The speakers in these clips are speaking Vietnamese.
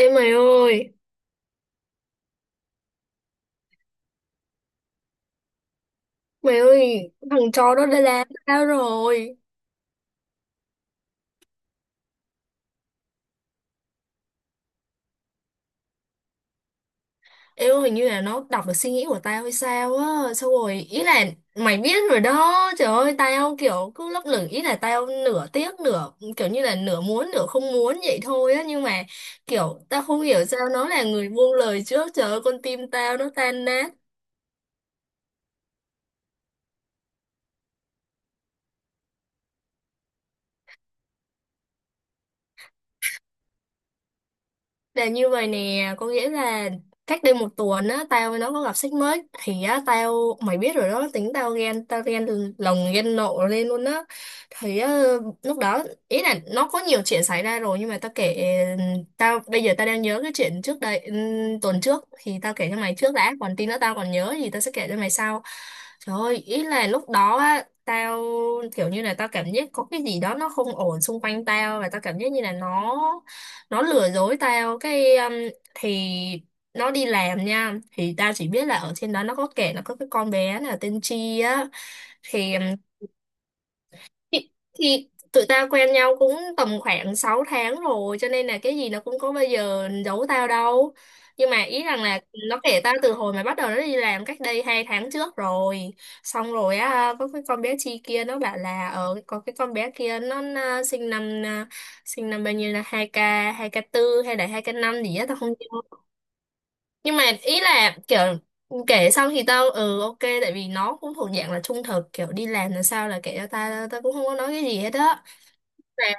Ê mày ơi, thằng chó đó đã làm tao rồi. Ê ơi, hình như là nó đọc được suy nghĩ của tao hay sao á. Xong rồi, ý là mày biết rồi đó. Trời ơi, tao kiểu cứ lấp lửng. Ý là tao nửa tiếc, nửa kiểu như là nửa muốn, nửa không muốn vậy thôi á. Nhưng mà kiểu tao không hiểu sao nó là người buông lời trước. Trời ơi, con tim tao nó tan nát. Là như vậy nè, có nghĩa là cách đây một tuần á, tao với nó có gặp sách mới thì á, tao mày biết rồi đó, tính tao ghen lồng ghen nộ lên luôn á. Thì á, lúc đó ý là nó có nhiều chuyện xảy ra rồi nhưng mà tao kể tao bây giờ tao đang nhớ cái chuyện trước đây tuần trước thì tao kể cho mày trước đã, còn tí nữa tao còn nhớ thì tao sẽ kể cho mày sau. Trời ơi, ý là lúc đó á tao kiểu như là tao cảm giác có cái gì đó nó không ổn xung quanh tao, và tao cảm giác như là nó lừa dối tao cái thì nó đi làm nha, thì tao chỉ biết là ở trên đó nó có kể nó có cái con bé là tên Chi á. Thì thì, thì tụi tao quen nhau cũng tầm khoảng 6 tháng rồi, cho nên là cái gì nó cũng có bây giờ giấu tao đâu. Nhưng mà ý rằng là nó kể tao từ hồi mà bắt đầu nó đi làm cách đây 2 tháng trước rồi. Xong rồi á, có cái con bé Chi kia nó bảo là ở có cái con bé kia nó sinh năm à, sinh năm bao nhiêu, là hai k tư hay là hai k năm gì á tao không nhớ. Nhưng mà ý là kiểu kể xong thì tao ừ ok, tại vì nó cũng thuộc dạng là trung thực, kiểu đi làm là sao là kể cho tao, tao cũng không có nói cái gì hết á. Sẽ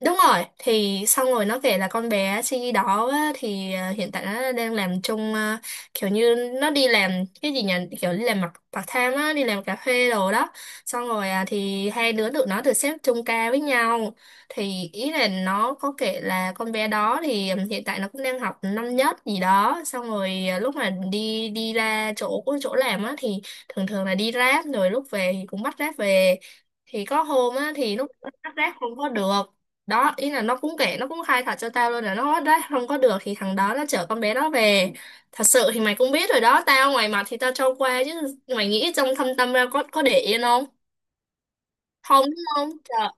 đúng rồi, thì xong rồi nó kể là con bé Chi đó á, thì hiện tại nó đang làm chung, kiểu như nó đi làm cái gì nhỉ, kiểu đi làm mặt part time á, đi làm cà phê đồ đó. Xong rồi à, thì hai đứa tụi nó được xếp chung ca với nhau. Thì ý là nó có kể là con bé đó thì hiện tại nó cũng đang học năm nhất gì đó. Xong rồi à, lúc mà đi đi ra chỗ chỗ làm á thì thường thường là đi ráp rồi lúc về thì cũng bắt ráp về. Thì có hôm á, thì lúc bắt ráp không có được đó, ý là nó cũng kể nó cũng khai thật cho tao luôn là nó đấy không có được, thì thằng đó nó chở con bé đó về. Thật sự thì mày cũng biết rồi đó, tao ngoài mặt thì tao cho qua chứ mày nghĩ trong thâm tâm ra có để yên không, không đúng không trời.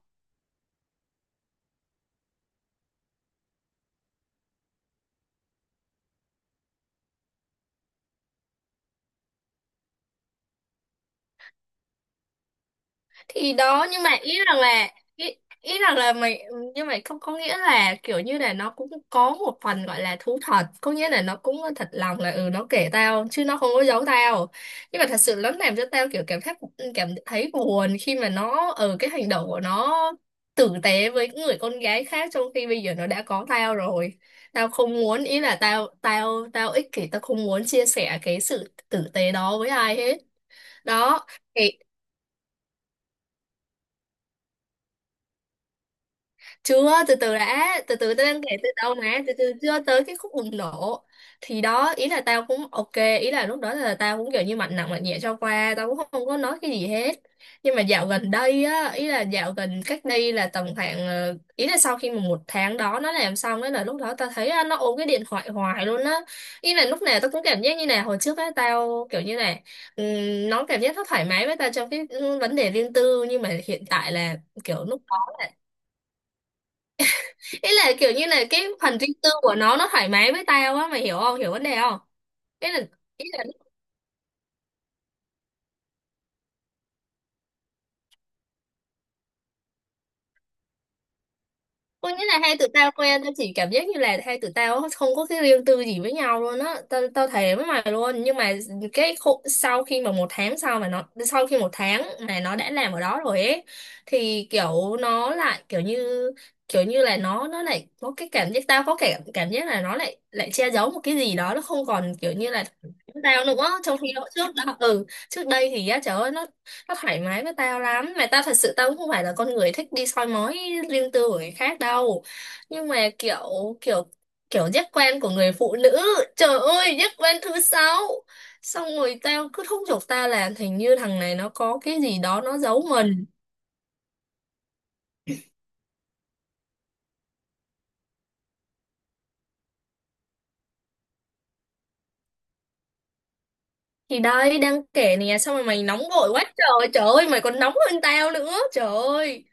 Thì đó nhưng mà ý rằng là ý rằng là mày, nhưng mà không có nghĩa là kiểu như là nó cũng có một phần gọi là thú thật, có nghĩa là nó cũng thật lòng là ừ nó kể tao chứ nó không có giấu tao. Nhưng mà thật sự nó làm cho tao kiểu cảm thấy, cảm thấy buồn khi mà nó ở cái hành động của nó tử tế với người con gái khác, trong khi bây giờ nó đã có tao rồi. Tao không muốn, ý là tao tao tao ích kỷ, tao không muốn chia sẻ cái sự tử tế đó với ai hết đó. Chưa, từ từ đã, từ từ, tao đang kể từ đâu mà, từ từ chưa tới cái khúc bùng nổ. Thì đó ý là tao cũng ok, ý là lúc đó là tao cũng kiểu như mạnh nặng mạnh nhẹ cho qua, tao cũng không có nói cái gì hết. Nhưng mà dạo gần đây á, ý là dạo gần cách đây là tầm khoảng ý là sau khi mà một tháng đó nó làm xong ấy, là lúc đó tao thấy á, nó ôm cái điện thoại hoài luôn á. Ý là lúc nào tao cũng cảm giác như này, hồi trước á tao kiểu như này nó cảm giác nó thoải mái với tao trong cái vấn đề riêng tư, nhưng mà hiện tại là kiểu lúc, ý là kiểu như là cái phần riêng tư của nó thoải mái với tao á, mày hiểu không, hiểu vấn đề không? Ý là ý là có nghĩa là hai tụi tao quen, tao chỉ cảm giác như là hai tụi tao không có cái riêng tư gì với nhau luôn á, tao tao thề với mày luôn. Nhưng mà cái khu, sau khi mà một tháng sau mà nó sau khi một tháng mà nó đã làm ở đó rồi ấy, thì kiểu nó lại kiểu như là nó lại có cái cảm giác, tao có cảm cảm giác là nó lại lại che giấu một cái gì đó, nó không còn kiểu như là tao nữa. Trong khi hồi trước đó trước đây thì á, trời ơi, nó thoải mái với tao lắm. Mà tao thật sự tao cũng không phải là con người thích đi soi mói riêng tư của người khác đâu. Nhưng mà kiểu kiểu kiểu giác quan của người phụ nữ, trời ơi, giác quan thứ sáu. Xong rồi tao cứ thúc giục tao là hình như thằng này nó có cái gì đó nó giấu mình. Thì đây đang kể nè, xong rồi mày nóng vội quá trời, trời ơi mày còn nóng hơn tao nữa, trời ơi.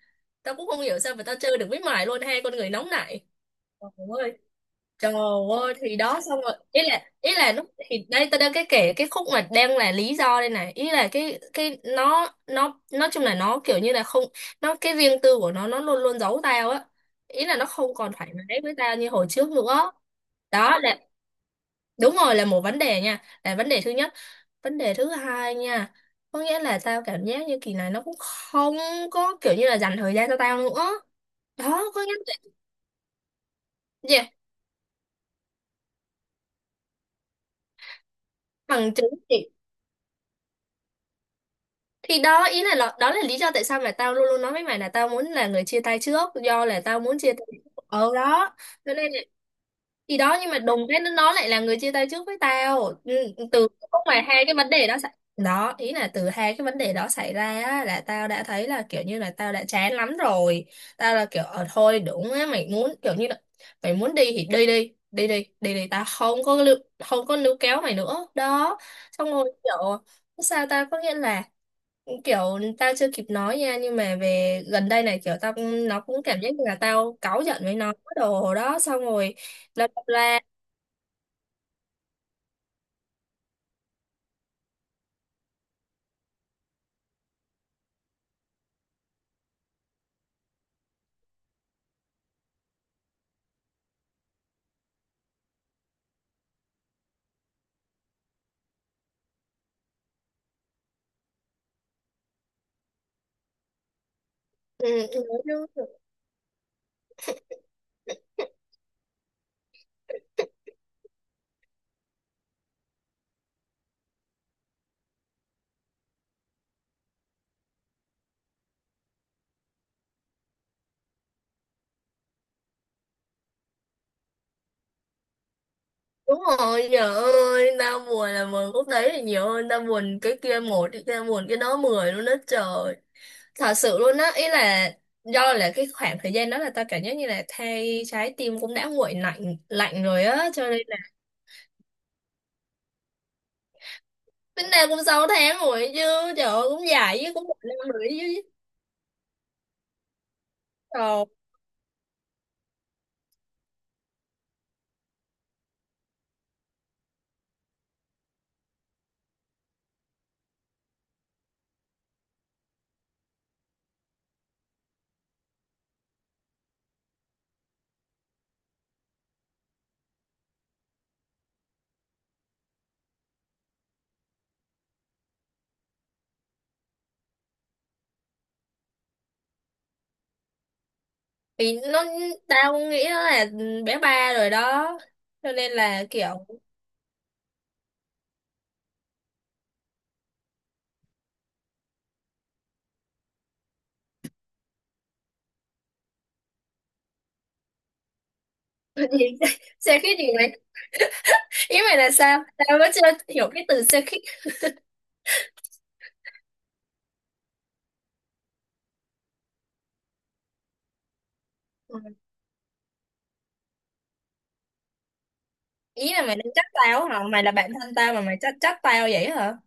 Tao cũng không hiểu sao mà tao chơi được với mày luôn, hai con người nóng này. Trời ơi, trời ơi, thì đó, xong rồi, ý là lúc, thì đây tôi đang cái kể cái khúc mà đang là lý do đây này. Ý là cái nó nói chung là nó kiểu như là không, nó cái riêng tư của nó luôn luôn giấu tao á, ý là nó không còn thoải mái với tao như hồi trước nữa. Đó là, đúng rồi, là một vấn đề nha, là vấn đề thứ nhất. Vấn đề thứ hai nha, có nghĩa là tao cảm giác như kỳ này nó cũng không có kiểu như là dành thời gian cho tao nữa đó, có nghĩa là yeah, bằng chứng. Thì đó ý là đó là lý do tại sao mà tao luôn luôn nói với mày là tao muốn là người chia tay trước, do là tao muốn chia tay trước. Ờ Đó cho nên là, thì đó nhưng mà đùng cái nó lại là người chia tay trước với tao. Ừ, từ lúc mà hai cái vấn đề đó xảy đó, ý là từ hai cái vấn đề đó xảy ra á, là tao đã thấy là kiểu như là tao đã chán lắm rồi. Tao là kiểu ờ thôi đúng á mày muốn kiểu như là mày muốn đi thì đi đi đi đi đi đi, tao không có lưu, không có níu kéo mày nữa đó. Xong rồi kiểu sao ta, có nghĩa là kiểu tao chưa kịp nói nha nhưng mà về gần đây này kiểu nó cũng cảm giác như là tao cáu giận với nó cái đồ đó, xong rồi nó đâm ra. Ừ, ừ, đúng rồi, trời ơi, tao buồn là buồn khúc đấy là nhiều hơn, tao buồn cái kia một, cái kia buồn cái đó mười luôn đó trời, thật sự luôn á. Ý là do là cái khoảng thời gian đó là tao cảm giác như là thay trái tim cũng đã nguội lạnh lạnh rồi á, cho nên là tính ra cũng 6 tháng rồi chứ, trời ơi cũng dài chứ, cũng một năm rồi chứ trời. Thì nó, tao nghĩ nó là bé ba rồi đó, cho nên là kiểu. Gì? Xe khít gì mày, ý mày là sao, tao vẫn chưa hiểu cái từ xe khít. Ừ. Ý là mày đang trách tao hả, mày là bạn thân tao mà mày trách trách tao vậy hả?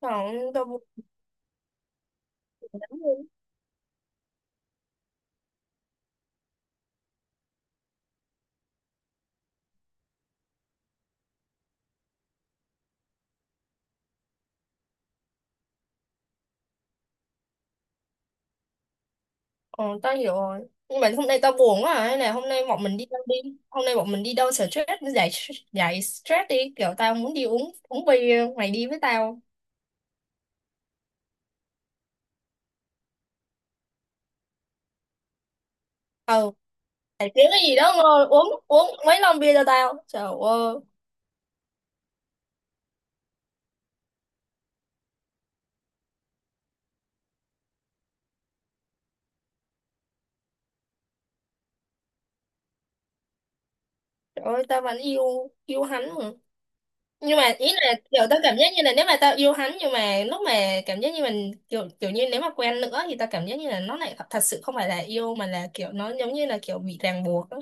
Còn tao buồn lắm luôn. Ờ tao hiểu rồi, nhưng mà hôm nay tao buồn quá à. Hay là hôm nay bọn mình đi đâu đi, hôm nay bọn mình đi đâu stress, giải giải stress đi, kiểu tao muốn đi uống uống bia, mày đi với tao. Ờ, phải kiếm cái gì đó ngồi uống uống mấy lon bia cho tao, trời ơi. Trời ơi, tao vẫn yêu yêu hắn mà. Nhưng mà ý là kiểu tao cảm giác như là nếu mà tao yêu hắn nhưng mà lúc mà cảm giác như mình kiểu kiểu như nếu mà quen nữa thì tao cảm giác như là nó lại thật sự không phải là yêu, mà là kiểu nó giống như là kiểu bị ràng buộc á.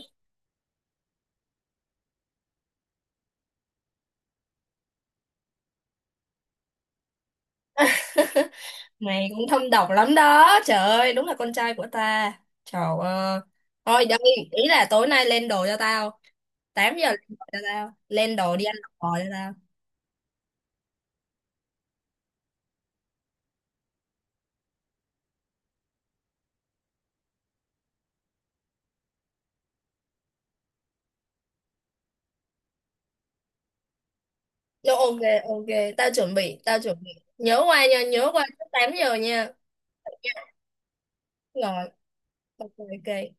Mày cũng thâm độc lắm đó. Trời ơi, đúng là con trai của ta. Trời ơi. Thôi đây, ý là tối nay lên đồ cho tao. 8 giờ lên đồ cho tao. Lên đồ đi ăn bò cho tao. Rồi, ok ok, tao chuẩn bị, tao chuẩn bị. Nhớ qua nha, nhớ qua trước 8 giờ nha. Rồi. Ok ok.